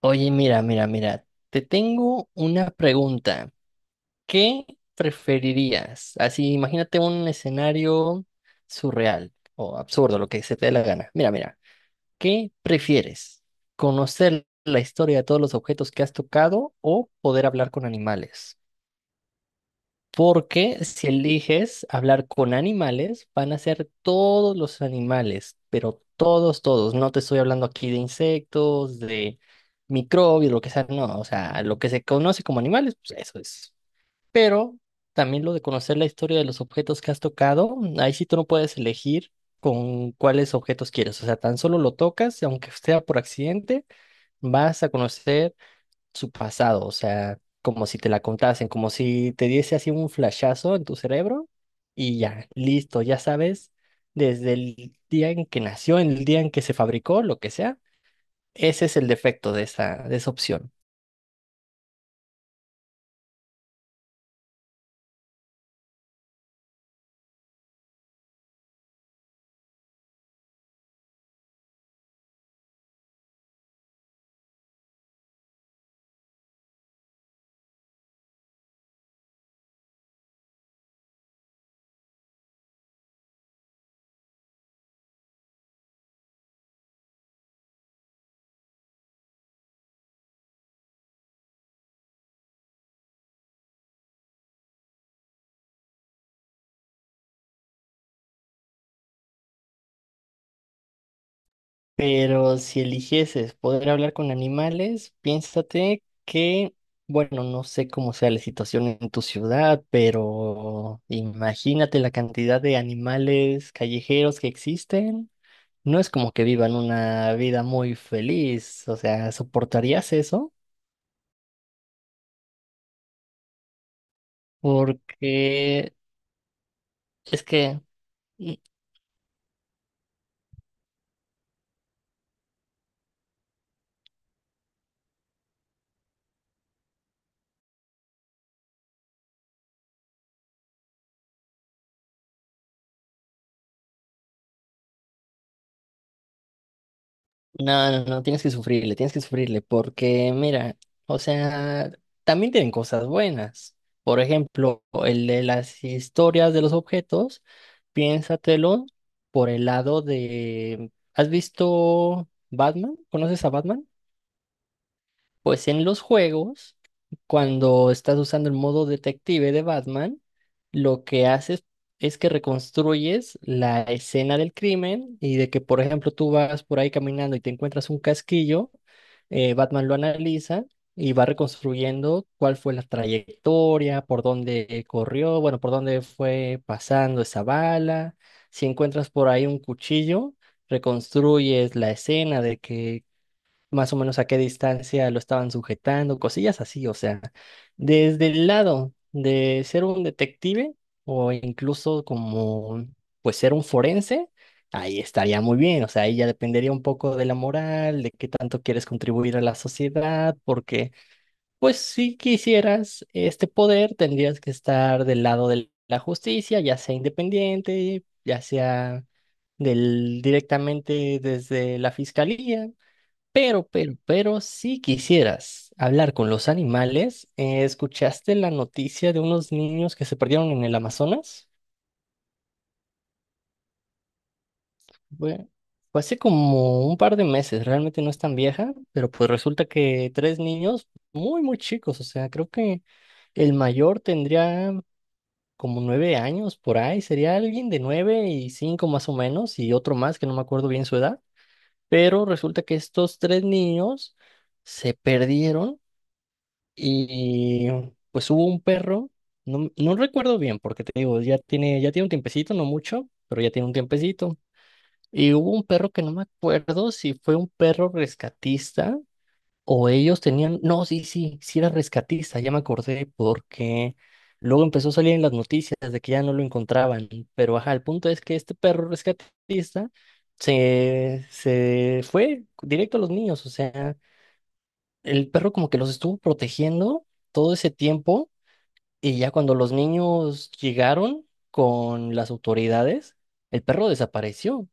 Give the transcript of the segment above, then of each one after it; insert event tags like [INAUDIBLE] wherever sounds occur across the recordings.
Oye, mira, mira, mira, te tengo una pregunta. ¿Qué preferirías? Así, imagínate un escenario surreal o absurdo, lo que se te dé la gana. Mira, mira, ¿qué prefieres? ¿Conocer la historia de todos los objetos que has tocado o poder hablar con animales? Porque si eliges hablar con animales, van a ser todos los animales, pero todos, todos. No te estoy hablando aquí de insectos, de microbios, lo que sea, no. O sea, lo que se conoce como animales, pues eso es. Pero también lo de conocer la historia de los objetos que has tocado, ahí sí tú no puedes elegir con cuáles objetos quieres. O sea, tan solo lo tocas y aunque sea por accidente, vas a conocer su pasado, o sea, como si te la contasen, como si te diese así un flashazo en tu cerebro y ya, listo, ya sabes, desde el día en que nació, el día en que se fabricó, lo que sea, ese es el defecto de esa opción. Pero si eligieses poder hablar con animales, piénsate que, bueno, no sé cómo sea la situación en tu ciudad, pero imagínate la cantidad de animales callejeros que existen. No es como que vivan una vida muy feliz, o sea, ¿soportarías eso? Porque es que mm, no, no, no, tienes que sufrirle, porque mira, o sea, también tienen cosas buenas. Por ejemplo, el de las historias de los objetos, piénsatelo por el lado de, ¿has visto Batman? ¿Conoces a Batman? Pues en los juegos, cuando estás usando el modo detective de Batman, lo que haces es que reconstruyes la escena del crimen y de que, por ejemplo, tú vas por ahí caminando y te encuentras un casquillo, Batman lo analiza y va reconstruyendo cuál fue la trayectoria, por dónde corrió, bueno, por dónde fue pasando esa bala. Si encuentras por ahí un cuchillo, reconstruyes la escena de que más o menos a qué distancia lo estaban sujetando, cosillas así, o sea, desde el lado de ser un detective o incluso como, pues ser un forense, ahí estaría muy bien, o sea, ahí ya dependería un poco de la moral, de qué tanto quieres contribuir a la sociedad, porque, pues si quisieras este poder, tendrías que estar del lado de la justicia, ya sea independiente, ya sea... del directamente desde la fiscalía, pero, si quisieras hablar con los animales, ¿escuchaste la noticia de unos niños que se perdieron en el Amazonas? Fue, fue hace como un par de meses, realmente no es tan vieja, pero pues resulta que tres niños muy, muy chicos, o sea, creo que el mayor tendría como 9 años por ahí, sería alguien de 9 y 5 más o menos, y otro más que no me acuerdo bien su edad, pero resulta que estos tres niños se perdieron. Y pues hubo un perro, no, no recuerdo bien, porque te digo, ya tiene un tiempecito, no mucho, pero ya tiene un tiempecito. Y hubo un perro que no me acuerdo si fue un perro rescatista o ellos tenían, no, sí, sí, sí era rescatista, ya me acordé, porque luego empezó a salir en las noticias de que ya no lo encontraban. Pero ajá, el punto es que este perro rescatista se fue directo a los niños, o sea el perro como que los estuvo protegiendo todo ese tiempo y ya cuando los niños llegaron con las autoridades, el perro desapareció.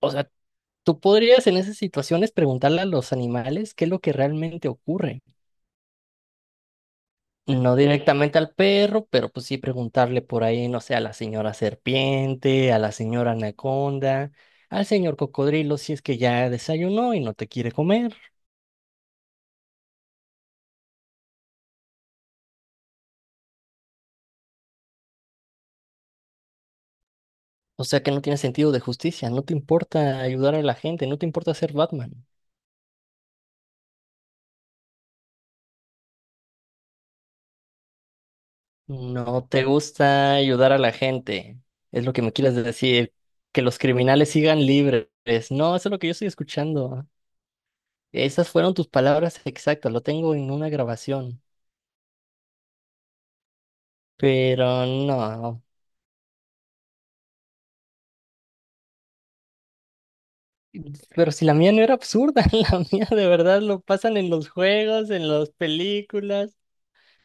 O sea, tú podrías en esas situaciones preguntarle a los animales qué es lo que realmente ocurre. No directamente al perro, pero pues sí preguntarle por ahí, no sé, a la señora serpiente, a la señora anaconda, al señor cocodrilo si es que ya desayunó y no te quiere comer. O sea que no tiene sentido de justicia, no te importa ayudar a la gente, no te importa ser Batman, no te gusta ayudar a la gente, es lo que me quieres decir, que los criminales sigan libres. No, eso es lo que yo estoy escuchando. Esas fueron tus palabras exactas, lo tengo en una grabación, pero no. Pero si la mía no era absurda, [LAUGHS] la mía de verdad lo pasan en los juegos, en las películas.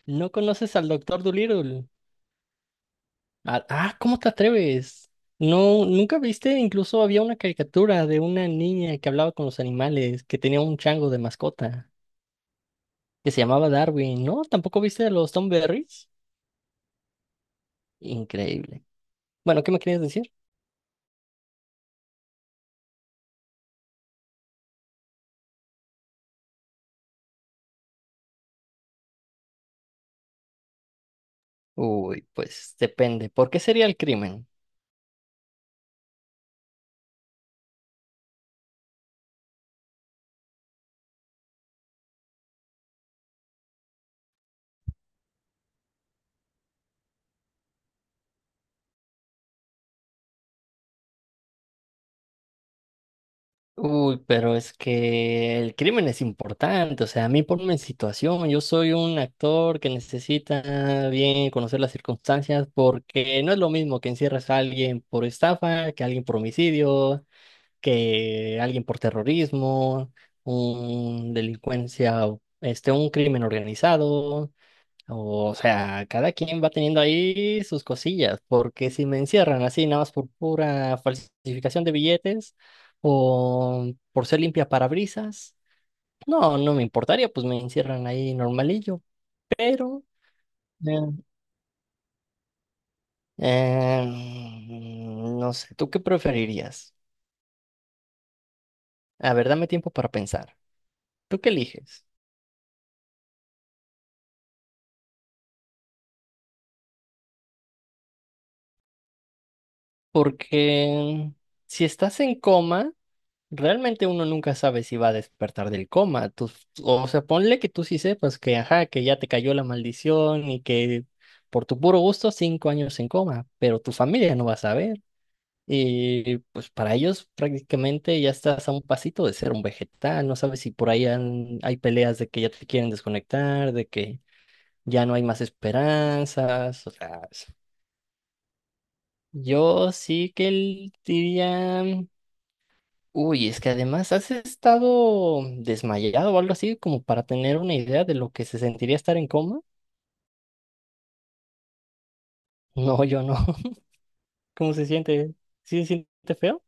No conoces al Doctor Dolittle. Ah, ah, ¿cómo te atreves? No, nunca viste, incluso había una caricatura de una niña que hablaba con los animales, que tenía un chango de mascota, que se llamaba Darwin, ¿no? ¿Tampoco viste los Tom Berries? Increíble. Bueno, ¿qué me querías decir? Uy, pues depende. ¿Por qué sería el crimen? Uy, pero es que el crimen es importante, o sea, a mí ponme en situación, yo soy un actor que necesita bien conocer las circunstancias porque no es lo mismo que encierres a alguien por estafa, que a alguien por homicidio, que a alguien por terrorismo, un delincuencia, este, un crimen organizado. O sea, cada quien va teniendo ahí sus cosillas, porque si me encierran así nada más por pura falsificación de billetes o por ser limpia parabrisas, no, no me importaría, pues me encierran ahí normalillo, pero eh, no sé, ¿tú qué preferirías? A ver, dame tiempo para pensar. ¿Tú qué eliges? Porque si estás en coma, realmente uno nunca sabe si va a despertar del coma. O sea, ponle que tú sí sepas que, ajá, que ya te cayó la maldición y que por tu puro gusto 5 años en coma, pero tu familia no va a saber. Y pues para ellos prácticamente ya estás a un pasito de ser un vegetal. No sabes si por ahí hay peleas de que ya te quieren desconectar, de que ya no hay más esperanzas. O sea, yo sí que diría. Uy, es que además has estado desmayado o algo así, como para tener una idea de lo que se sentiría estar en coma. [LAUGHS] No, yo no. [LAUGHS] ¿Cómo se siente? ¿Sí se siente feo?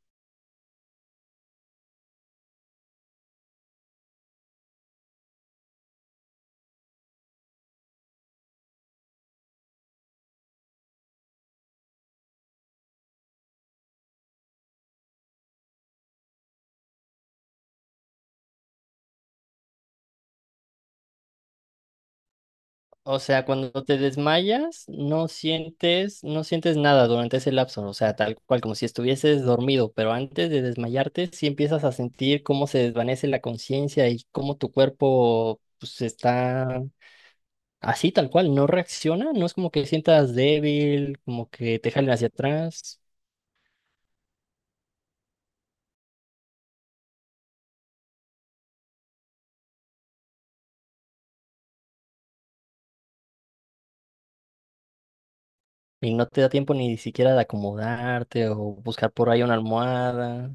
O sea, cuando te desmayas, no sientes nada durante ese lapso. O sea, tal cual como si estuvieses dormido, pero antes de desmayarte, sí empiezas a sentir cómo se desvanece la conciencia y cómo tu cuerpo, pues, está. Así tal cual, no reacciona, no es como que sientas débil, como que te jalen hacia atrás. Y no te da tiempo ni siquiera de acomodarte o buscar por ahí una almohada.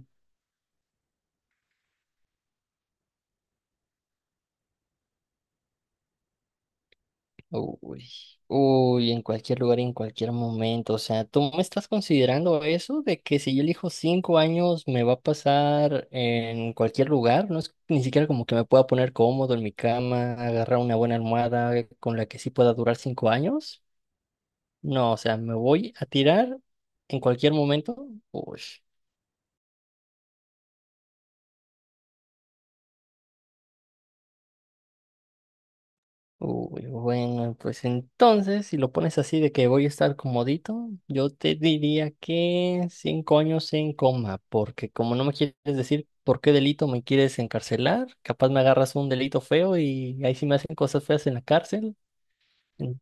Uy, uy, en cualquier lugar y en cualquier momento. O sea, ¿tú me estás considerando eso de que si yo elijo 5 años me va a pasar en cualquier lugar? No es ni siquiera como que me pueda poner cómodo en mi cama, agarrar una buena almohada con la que sí pueda durar 5 años. No, o sea, me voy a tirar en cualquier momento. Uy. Uy, bueno, pues entonces, si lo pones así de que voy a estar comodito, yo te diría que 5 años en coma, porque como no me quieres decir por qué delito me quieres encarcelar, capaz me agarras un delito feo y ahí sí me hacen cosas feas en la cárcel. En-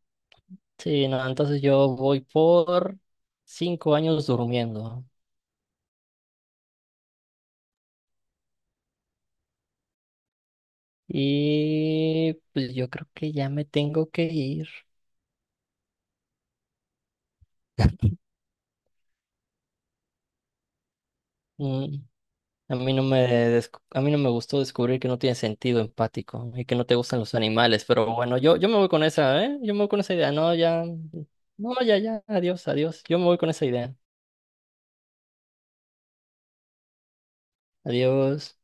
Sí, no, entonces yo voy por 5 años durmiendo. Y pues yo creo que ya me tengo que ir. [LAUGHS] Mm. A mí no me, a mí no me gustó descubrir que no tiene sentido empático y que no te gustan los animales, pero bueno, yo me voy con esa, ¿eh? Yo me voy con esa idea. No, ya, no, ya, ya, adiós, adiós. Yo me voy con esa idea. Adiós.